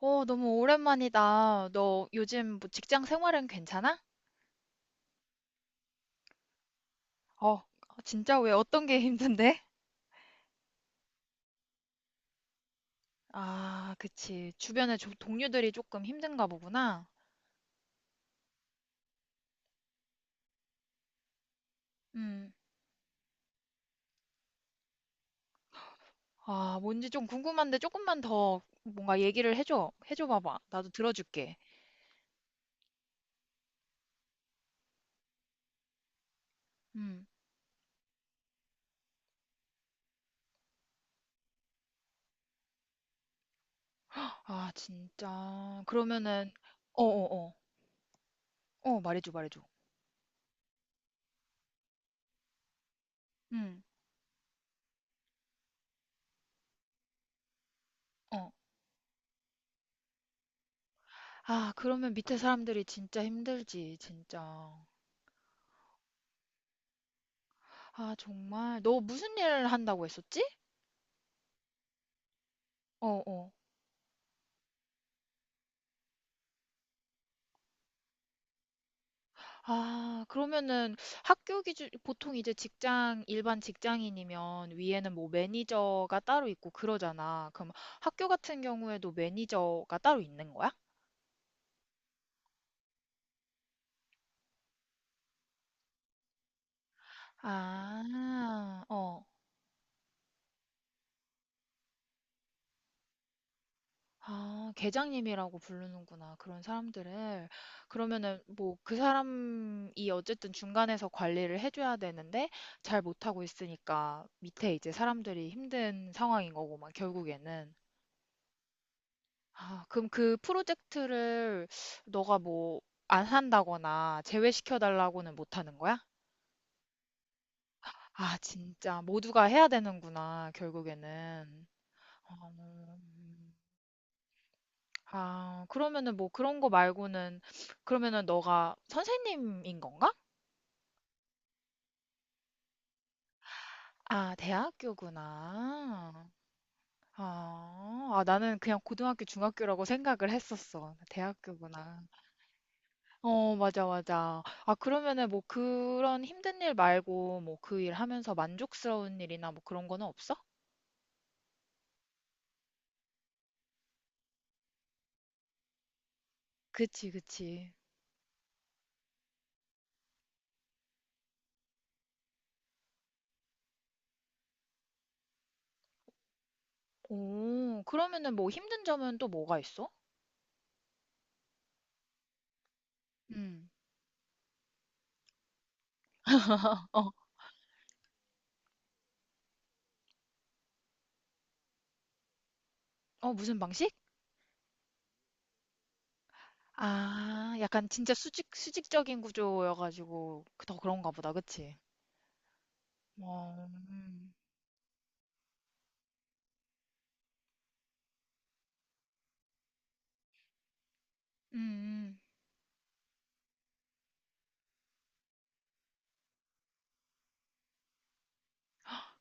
어, 너무 오랜만이다. 너 요즘 뭐 직장 생활은 괜찮아? 어, 아, 진짜 왜 어떤 게 힘든데? 아, 그치. 주변에 동료들이 조금 힘든가 보구나. 음. 아, 뭔지 좀 궁금한데 조금만 더 뭔가 얘기를 해줘. 해줘 봐봐. 나도 들어줄게. 음. 아, 진짜. 그러면은, 어어어. 어, 어. 어, 말해줘, 말해줘. 음. 어. 아, 그러면 밑에 사람들이 진짜 힘들지, 진짜. 아, 정말. 너 무슨 일을 한다고 했었지? 어어. 아 그러면은 학교 기준 보통 이제 직장 일반 직장인이면 위에는 뭐 매니저가 따로 있고 그러잖아. 그럼 학교 같은 경우에도 매니저가 따로 있는 거야? 아, 어. 아, 계장님이라고 부르는구나. 그런 사람들을. 그러면은 뭐 그 사람이 어쨌든 중간에서 관리를 해줘야 되는데 잘 못하고 있으니까 밑에 이제 사람들이 힘든 상황인 거고 막 결국에는. 아, 그럼 그 프로젝트를 너가 뭐 안 한다거나 제외시켜 달라고는 못 하는 거야? 아, 진짜 모두가 해야 되는구나, 결국에는. 어, 아, 그러면은 뭐 그런 거 말고는 그러면은 너가 선생님인 건가? 아, 대학교구나. 아, 아, 나는 그냥 고등학교, 중학교라고 생각을 했었어. 대학교구나. 어 맞아, 맞아. 아 그러면은 뭐 그런 힘든 일 말고 뭐 그 일 하면서 만족스러운 일이나 뭐 그런 거는 없어? 그치, 그치. 오, 그러면은 뭐 힘든 점은 또 뭐가 있어? 음. 어, 어 무슨 방식? 아, 약간 진짜 수직적인 구조여가지고 그, 더 그런가 보다, 그치? 어, 음. 음.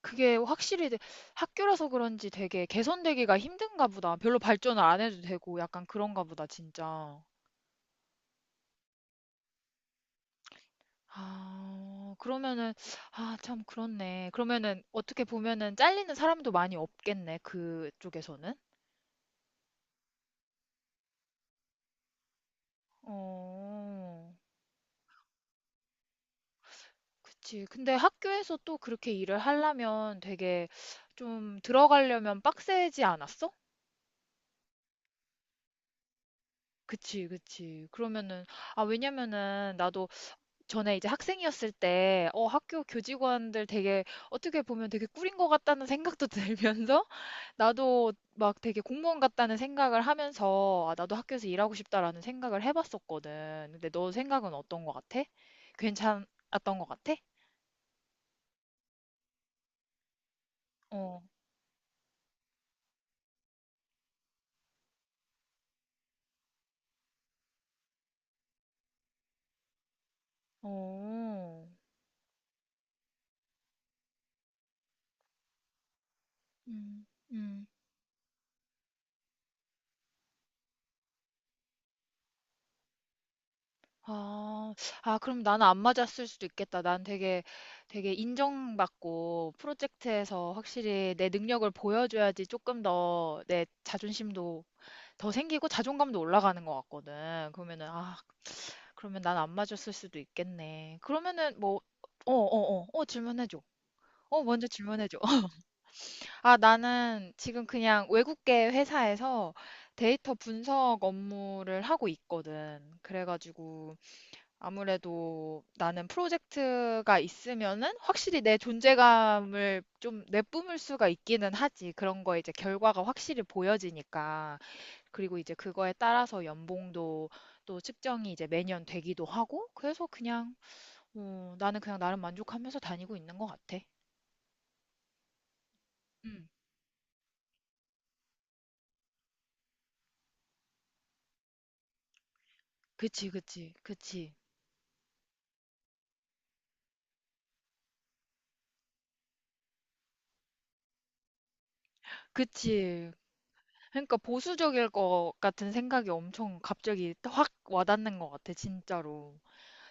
그게 확실히 되- 학교라서 그런지 되게 개선되기가 힘든가 보다. 별로 발전을 안 해도 되고 약간 그런가 보다, 진짜. 아 그러면은 아 참 그렇네. 그러면은 어떻게 보면은 잘리는 사람도 많이 없겠네. 그쪽에서는. 어. 그치. 근데 학교에서 또 그렇게 일을 하려면 되게 좀 들어가려면 빡세지 않았어? 그치, 그치. 그러면은, 아, 왜냐면은 나도 전에 이제 학생이었을 때 어 학교 교직원들 되게 어떻게 보면 되게 꿀인 것 같다는 생각도 들면서 나도 막 되게 공무원 같다는 생각을 하면서 아, 나도 학교에서 일하고 싶다라는 생각을 해봤었거든. 근데 너 생각은 어떤 것 같아? 괜찮았던 것 같아? 어, 어, 음, 음. 아. 아 그럼 나는 안 맞았을 수도 있겠다. 난 되게 되게 인정받고 프로젝트에서 확실히 내 능력을 보여줘야지 조금 더 내 자존심도 더 생기고 자존감도 올라가는 것 같거든. 그러면은 아 그러면 난 안 맞았을 수도 있겠네. 그러면은 뭐 어 어어. 어 질문해 줘. 어 먼저 질문해 줘. 아 나는 지금 그냥 외국계 회사에서 데이터 분석 업무를 하고 있거든. 그래 가지고 아무래도 나는 프로젝트가 있으면은 확실히 내 존재감을 좀 내뿜을 수가 있기는 하지. 그런 거에 이제 결과가 확실히 보여지니까. 그리고 이제 그거에 따라서 연봉도 또 측정이 이제 매년 되기도 하고. 그래서 그냥, 어, 나는 그냥 나름 만족하면서 다니고 있는 것 같아. 음, 그치, 그치, 그치, 그치. 그러니까 보수적일 것 같은 생각이 엄청 갑자기 확 와닿는 것 같아, 진짜로.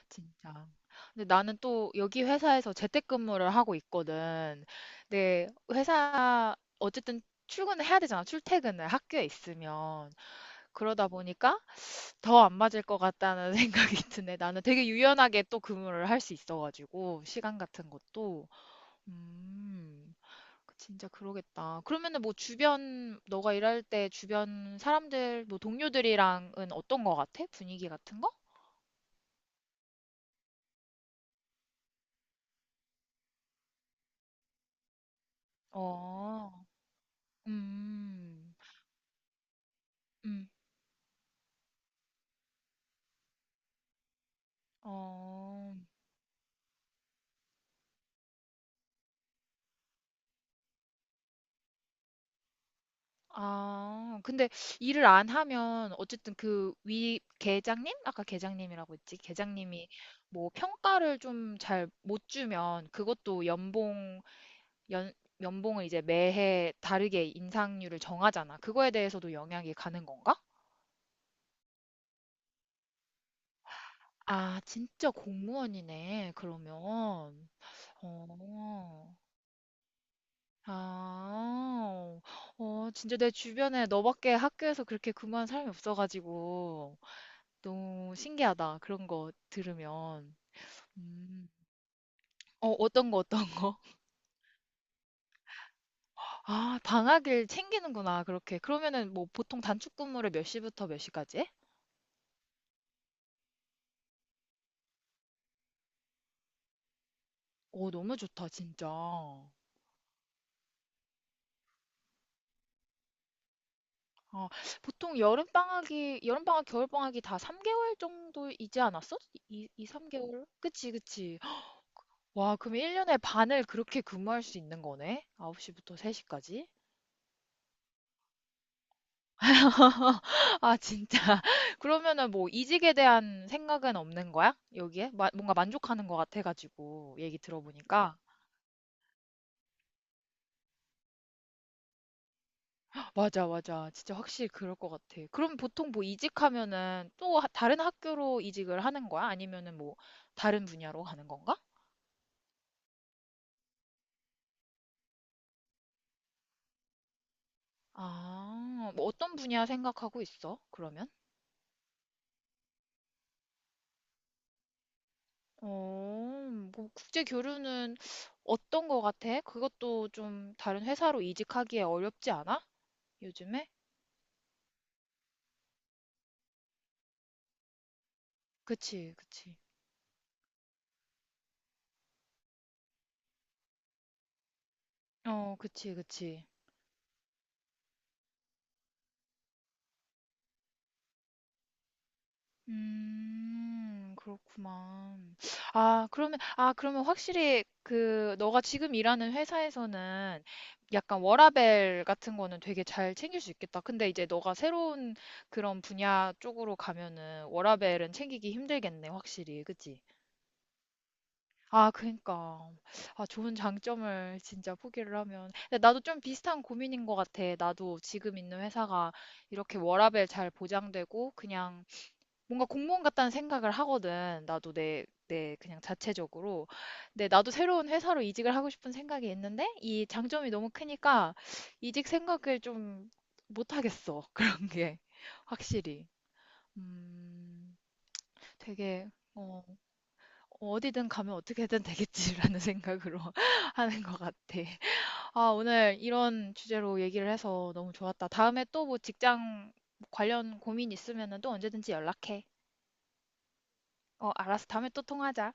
진짜. 근데 나는 또 여기 회사에서 재택근무를 하고 있거든. 근데 회사 어쨌든 출근을 해야 되잖아. 출퇴근을 학교에 있으면. 그러다 보니까 더 안 맞을 것 같다는 생각이 드네. 나는 되게 유연하게 또 근무를 할 수 있어가지고 시간 같은 것도. 음. 그 진짜 그러겠다. 그러면은 뭐 주변 너가 일할 때 주변 사람들 뭐 동료들이랑은 어떤 거 같아? 분위기 같은 거? 어. 음. 음. 어. 아, 근데 일을 안 하면 어쨌든 그 위 계장님? 아까 계장님이라고 했지. 계장님이 뭐 평가를 좀 잘 못 주면 그것도 연봉 연 연봉을 이제 매해 다르게 인상률을 정하잖아. 그거에 대해서도 영향이 가는 건가? 아, 진짜 공무원이네. 그러면. 어. 아. 어, 진짜 내 주변에 너밖에 학교에서 그렇게 근무한 사람이 없어가지고. 너무 신기하다. 그런 거 들으면. 음. 어, 어떤 거, 어떤 거. 아, 방학일 챙기는구나. 그렇게. 그러면은 뭐 보통 단축 근무를 몇 시부터 몇 시까지 해? 오, 너무 좋다, 진짜. 어, 보통 여름방학이, 여름방학, 겨울방학이 다 3개월 정도이지 않았어? 이 2, 3개월? 그치, 그치. 와, 그럼 1년에 반을 그렇게 근무할 수 있는 거네? 9시부터 3시까지? 아, 진짜. 그러면은 뭐 이직에 대한 생각은 없는 거야? 여기에? 뭔가 만족하는 것 같아가지고 얘기 들어보니까. 맞아, 맞아. 진짜 확실히 그럴 것 같아. 그럼 보통 뭐 이직하면은 또 다른 학교로 이직을 하는 거야? 아니면은 뭐 다른 분야로 가는 건가? 아, 뭐 어떤 분야 생각하고 있어? 그러면? 어, 뭐 국제 교류는 어떤 거 같아? 그것도 좀 다른 회사로 이직하기에 어렵지 않아? 요즘에? 그치, 그치. 어, 그치, 그치. 그렇구만. 아, 그러면, 아, 그러면 확실히 그, 너가 지금 일하는 회사에서는 약간 워라밸 같은 거는 되게 잘 챙길 수 있겠다. 근데 이제 너가 새로운 그런 분야 쪽으로 가면은 워라밸은 챙기기 힘들겠네, 확실히. 그치? 아, 그니까. 아, 좋은 장점을 진짜 포기를 하면. 근데 나도 좀 비슷한 고민인 것 같아. 나도 지금 있는 회사가 이렇게 워라밸 잘 보장되고 그냥 뭔가 공무원 같다는 생각을 하거든. 나도 내, 내 그냥 자체적으로. 근데 나도 새로운 회사로 이직을 하고 싶은 생각이 있는데 이 장점이 너무 크니까 이직 생각을 좀 못하겠어. 그런 게 확실히. 음, 되게 어, 어디든 가면 어떻게든 되겠지라는 생각으로 하는 것 같아. 아, 오늘 이런 주제로 얘기를 해서 너무 좋았다. 다음에 또 뭐 직장 관련 고민 있으면 또 언제든지 연락해. 어, 알았어. 다음에 또 통화하자.